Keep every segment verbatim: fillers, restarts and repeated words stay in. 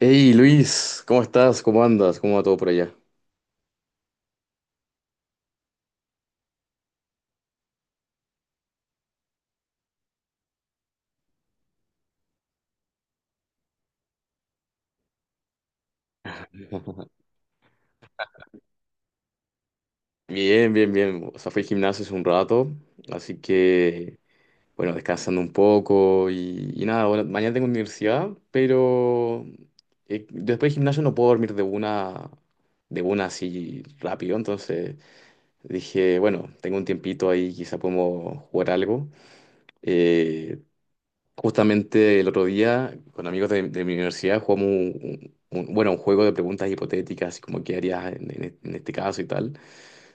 Hey Luis, ¿cómo estás? ¿Cómo andas? ¿Cómo va todo por allá? Bien, bien, bien. O sea, fui al gimnasio hace un rato, así que, bueno, descansando un poco y, y nada, ahora- mañana tengo universidad, pero eh, después del gimnasio no puedo dormir de una, de una así rápido, entonces dije, bueno, tengo un tiempito ahí, quizá podemos jugar algo. Eh, Justamente el otro día, con amigos de, de mi universidad, jugamos un, un- bueno, un juego de preguntas hipotéticas, así como qué harías en, en- e-, en este caso y tal.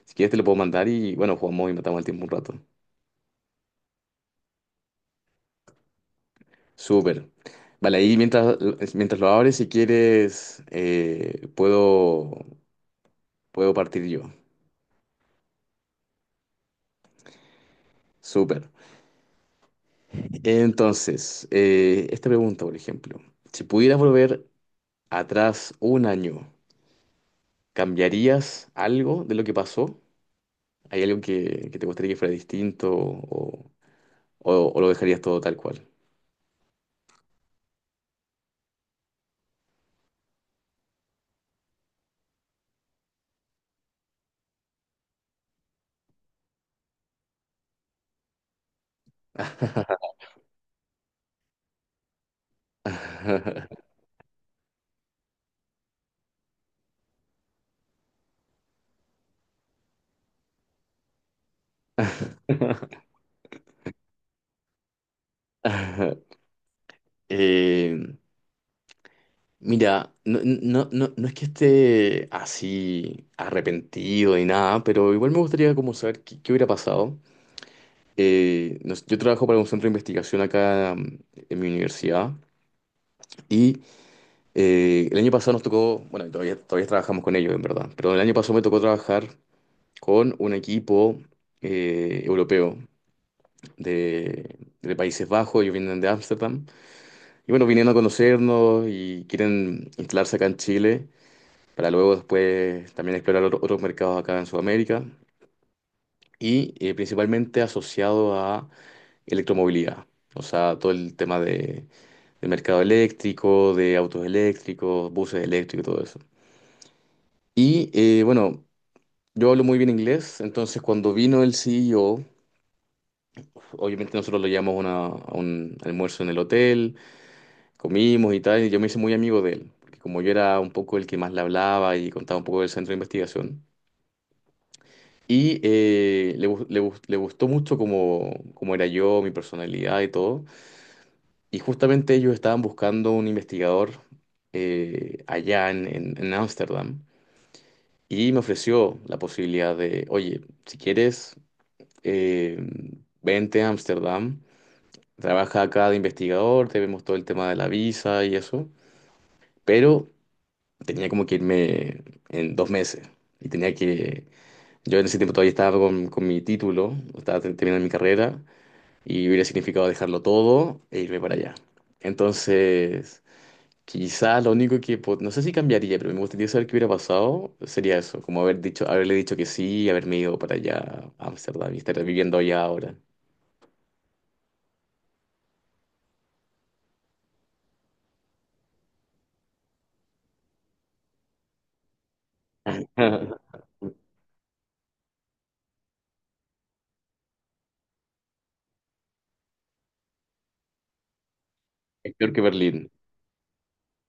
Si quieres te lo puedo mandar y bueno, jugamos y matamos el tiempo un rato. Súper. Vale, ahí mientras, mientras lo abres, si quieres, eh, puedo, puedo partir yo. Súper. Entonces, eh, esta pregunta, por ejemplo, si pudieras volver atrás un año, ¿cambiarías algo de lo que pasó? ¿Hay algo que, que te gustaría que fuera distinto o, o- o lo dejarías todo tal cual? Eh, mira, no, no, no, no es que esté así arrepentido ni nada, pero igual me gustaría como saber qué, qué hubiera pasado. Eh, nos- yo trabajo para un centro de investigación acá mm, en mi universidad y eh, el año pasado nos tocó, bueno, y todavía, todavía trabajamos con ellos en verdad, pero el año pasado me tocó trabajar con un equipo eh, europeo de, de Países Bajos, ellos vienen de Ámsterdam. Y bueno, vinieron a conocernos y quieren instalarse acá en Chile para luego después también explorar otro- otros mercados acá en Sudamérica y eh, principalmente asociado a electromovilidad. O sea, todo el tema de, de mercado eléctrico, de autos eléctricos, buses eléctricos, todo eso. Y eh, bueno, yo hablo muy bien inglés, entonces cuando vino el C E O, obviamente nosotros lo llamamos a una- a un almuerzo en el hotel. Comimos y tal, y yo me hice muy amigo de él, porque como yo era un poco el que más le hablaba y contaba un poco del centro de investigación. Y eh, le, gu- le gus- le gustó mucho como, como era yo, mi personalidad y todo. Y justamente ellos estaban buscando un investigador eh, allá en, en, en Ámsterdam. Y me ofreció la posibilidad de, oye, si quieres, eh, vente a Ámsterdam, trabaja acá de investigador, te vemos todo el tema de la visa y eso. Pero tenía como que irme en dos meses y tenía que, yo en ese tiempo todavía estaba con, con mi título, estaba te- terminando mi carrera y hubiera significado dejarlo todo e irme para allá. Entonces, quizás lo único que, po- no sé si cambiaría, pero me gustaría saber qué hubiera pasado, sería eso, como haber dicho, haberle dicho que sí y haberme ido para allá a Ámsterdam y estar viviendo allá ahora. Es peor que Berlín,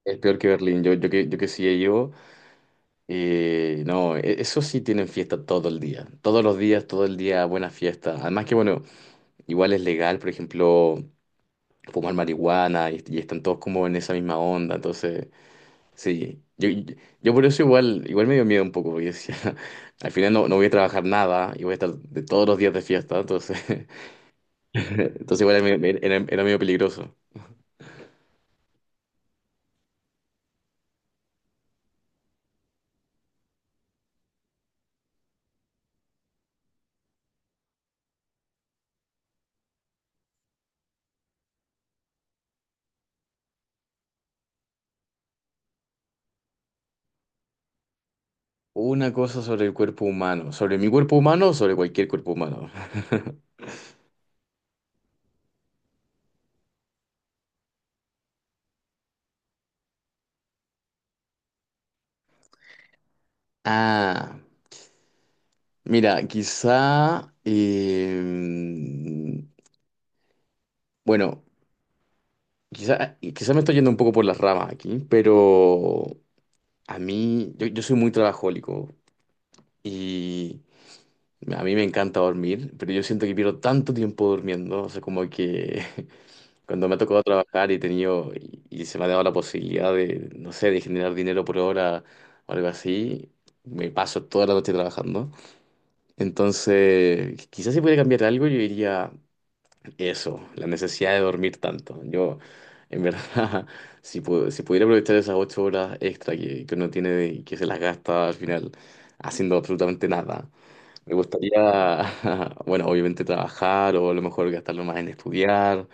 es peor que Berlín, yo, yo que, yo que sí he ido. Eh, no, e- eso sí tienen fiesta todo el día. Todos los días, todo el día, buena fiesta. Además que, bueno, igual es legal, por ejemplo, fumar marihuana y, y están todos como en esa misma onda. Entonces, sí. Yo, yo- yo por eso igual, igual me dio miedo un poco, porque decía, al final no, no voy a trabajar nada y voy a estar de todos los días de fiesta. Entonces, entonces igual era, medio- era, era medio peligroso. Una cosa sobre el cuerpo humano. ¿Sobre mi cuerpo humano o sobre cualquier cuerpo humano? Ah. Mira, quizá, em, bueno, quizá, quizá me estoy yendo un poco por las ramas aquí, pero a mí, yo, yo soy muy trabajólico y a mí me encanta dormir, pero yo siento que pierdo tanto tiempo durmiendo, o sea, como que cuando me ha tocado trabajar y he tenido, y, y se me ha dado la posibilidad de, no sé, de generar dinero por hora o algo así, me paso toda la noche trabajando. Entonces, quizás si pudiera cambiar algo, yo diría... Eso, la necesidad de dormir tanto. Yo, en verdad, si, pu- si pudiera aprovechar esas ocho horas extra que, que uno tiene y que se las gasta al final haciendo absolutamente nada, me gustaría, bueno, obviamente trabajar o a lo mejor gastarlo más en estudiar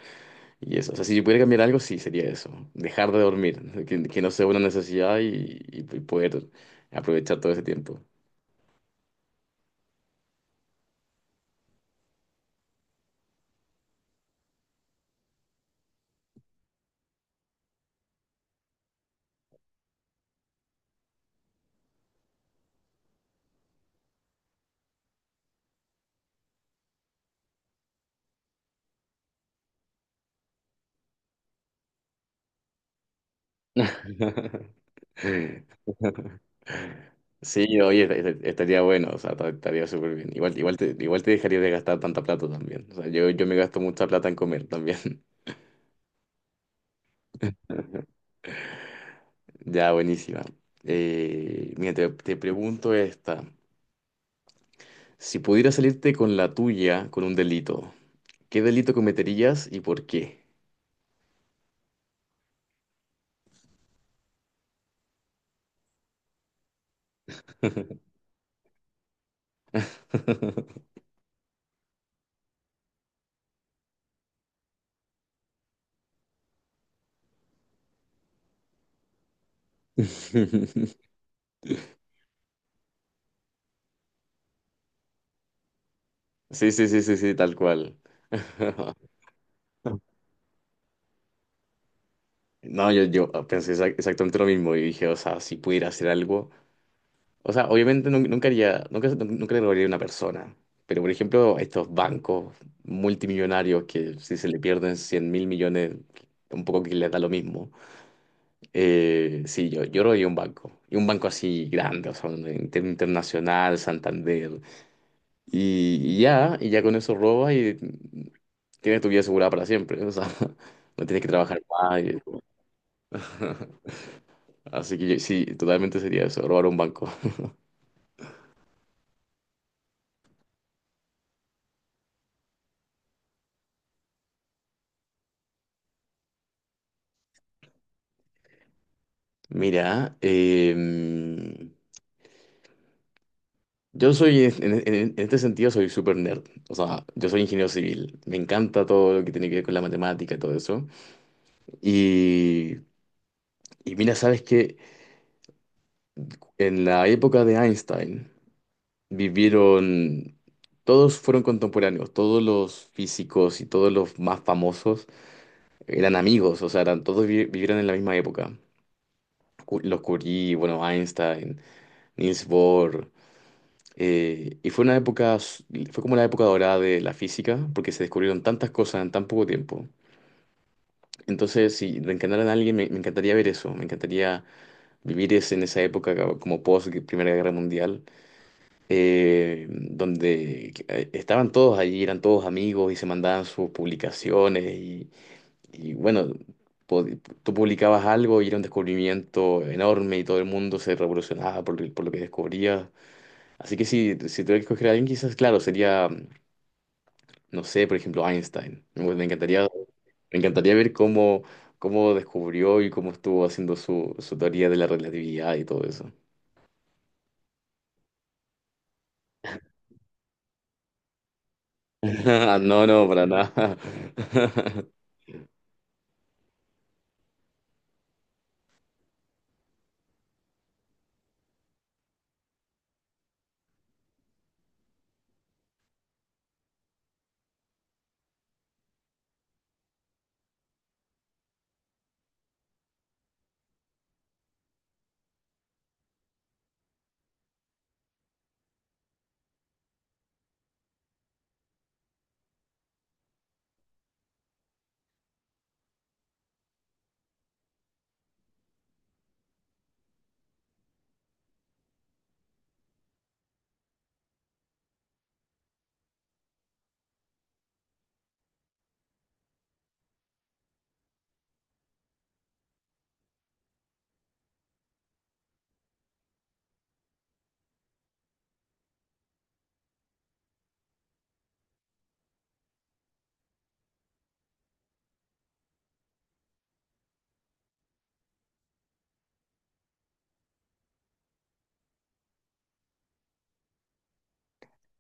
y eso. O sea, si yo pudiera cambiar algo, sí, sería eso. Dejar de dormir, que, que no sea una necesidad y, y poder aprovechar todo ese tiempo. Sí, oye, est- est- estaría bueno, o sea, ta- estaría súper bien. Igual, igual te, igual te dejaría de gastar tanta plata también. O sea, yo, yo me gasto mucha plata en comer también. Ya, buenísima. Eh, mira, te, te pregunto esta. Si pudieras salirte con la tuya con un delito, ¿qué delito cometerías y por qué? Sí, sí, sí, sí, sí, tal cual. No, yo, yo ah, pensé exa- exactamente lo mismo y dije, o sea, si pudiera hacer algo. O sea, obviamente nun- nunca haría, nunca, nunca le robaría a una persona. Pero, por ejemplo, a estos bancos multimillonarios que si se le pierden cien mil millones, un poco que les da lo mismo. Eh, sí, yo, yo robaría un banco. Y un banco así grande, o sea, un inter- internacional, Santander. Y, y ya, y ya con eso robas y tienes tu vida asegurada para siempre. O sea, no tienes que trabajar más. Y- Así que yo- sí, totalmente sería eso, robar un banco. Mira, em, yo soy, en, en- en- este sentido, soy súper nerd. O sea, yo soy ingeniero civil. Me encanta todo lo que tiene que ver con la matemática y todo eso. Y, y mira, sabes que en la época de Einstein vivieron, todos fueron contemporáneos, todos los físicos y todos los más famosos eran amigos, o sea, eran, todos vi- vivieron en la misma época. Cu- Los Curie, bueno, Einstein, Niels Bohr. Eh, y fue una época, s- fue como la época dorada de la física, porque se descubrieron tantas cosas en tan poco tiempo. Entonces, si reencarnaran a alguien, me, me encantaría ver eso, me encantaría vivir ese, en esa época ca- como post Primera Guerra Mundial, eh, donde eh, estaban todos allí, eran todos amigos y se mandaban sus publicaciones y, y bueno, po- tú publicabas algo y era un descubrimiento enorme y todo el mundo se revolucionaba por, por lo que descubrías. Así que si, si tuviera que escoger a alguien, quizás, claro, sería. No sé, por ejemplo, Einstein. Me me encantaría, me encantaría ver cómo, cómo descubrió y cómo estuvo haciendo su, su teoría de la relatividad y todo eso. No, no, para nada.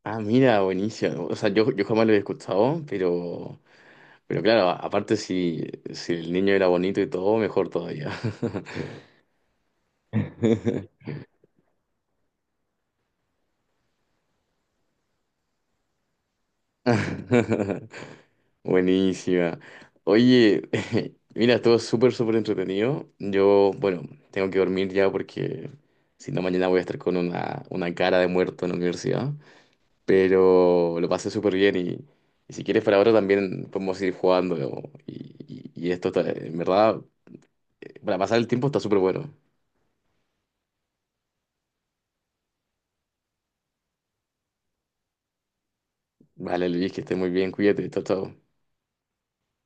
Ah, mira, buenísimo. O sea, yo, yo jamás lo he escuchado, pero, pero claro, a- aparte si, si el niño era bonito y todo, mejor todavía. Buenísima. Oye, mira, estuvo súper, súper entretenido. Yo, bueno, tengo que dormir ya porque si no, mañana voy a estar con una, una cara de muerto en la universidad. Pero lo pasé súper bien y, y si quieres para ahora también podemos ir jugando. ¿No? Y, y- y esto, está- en verdad, para pasar el tiempo está súper bueno. Vale, Luis, que estés muy bien, cuídate, chao, chao.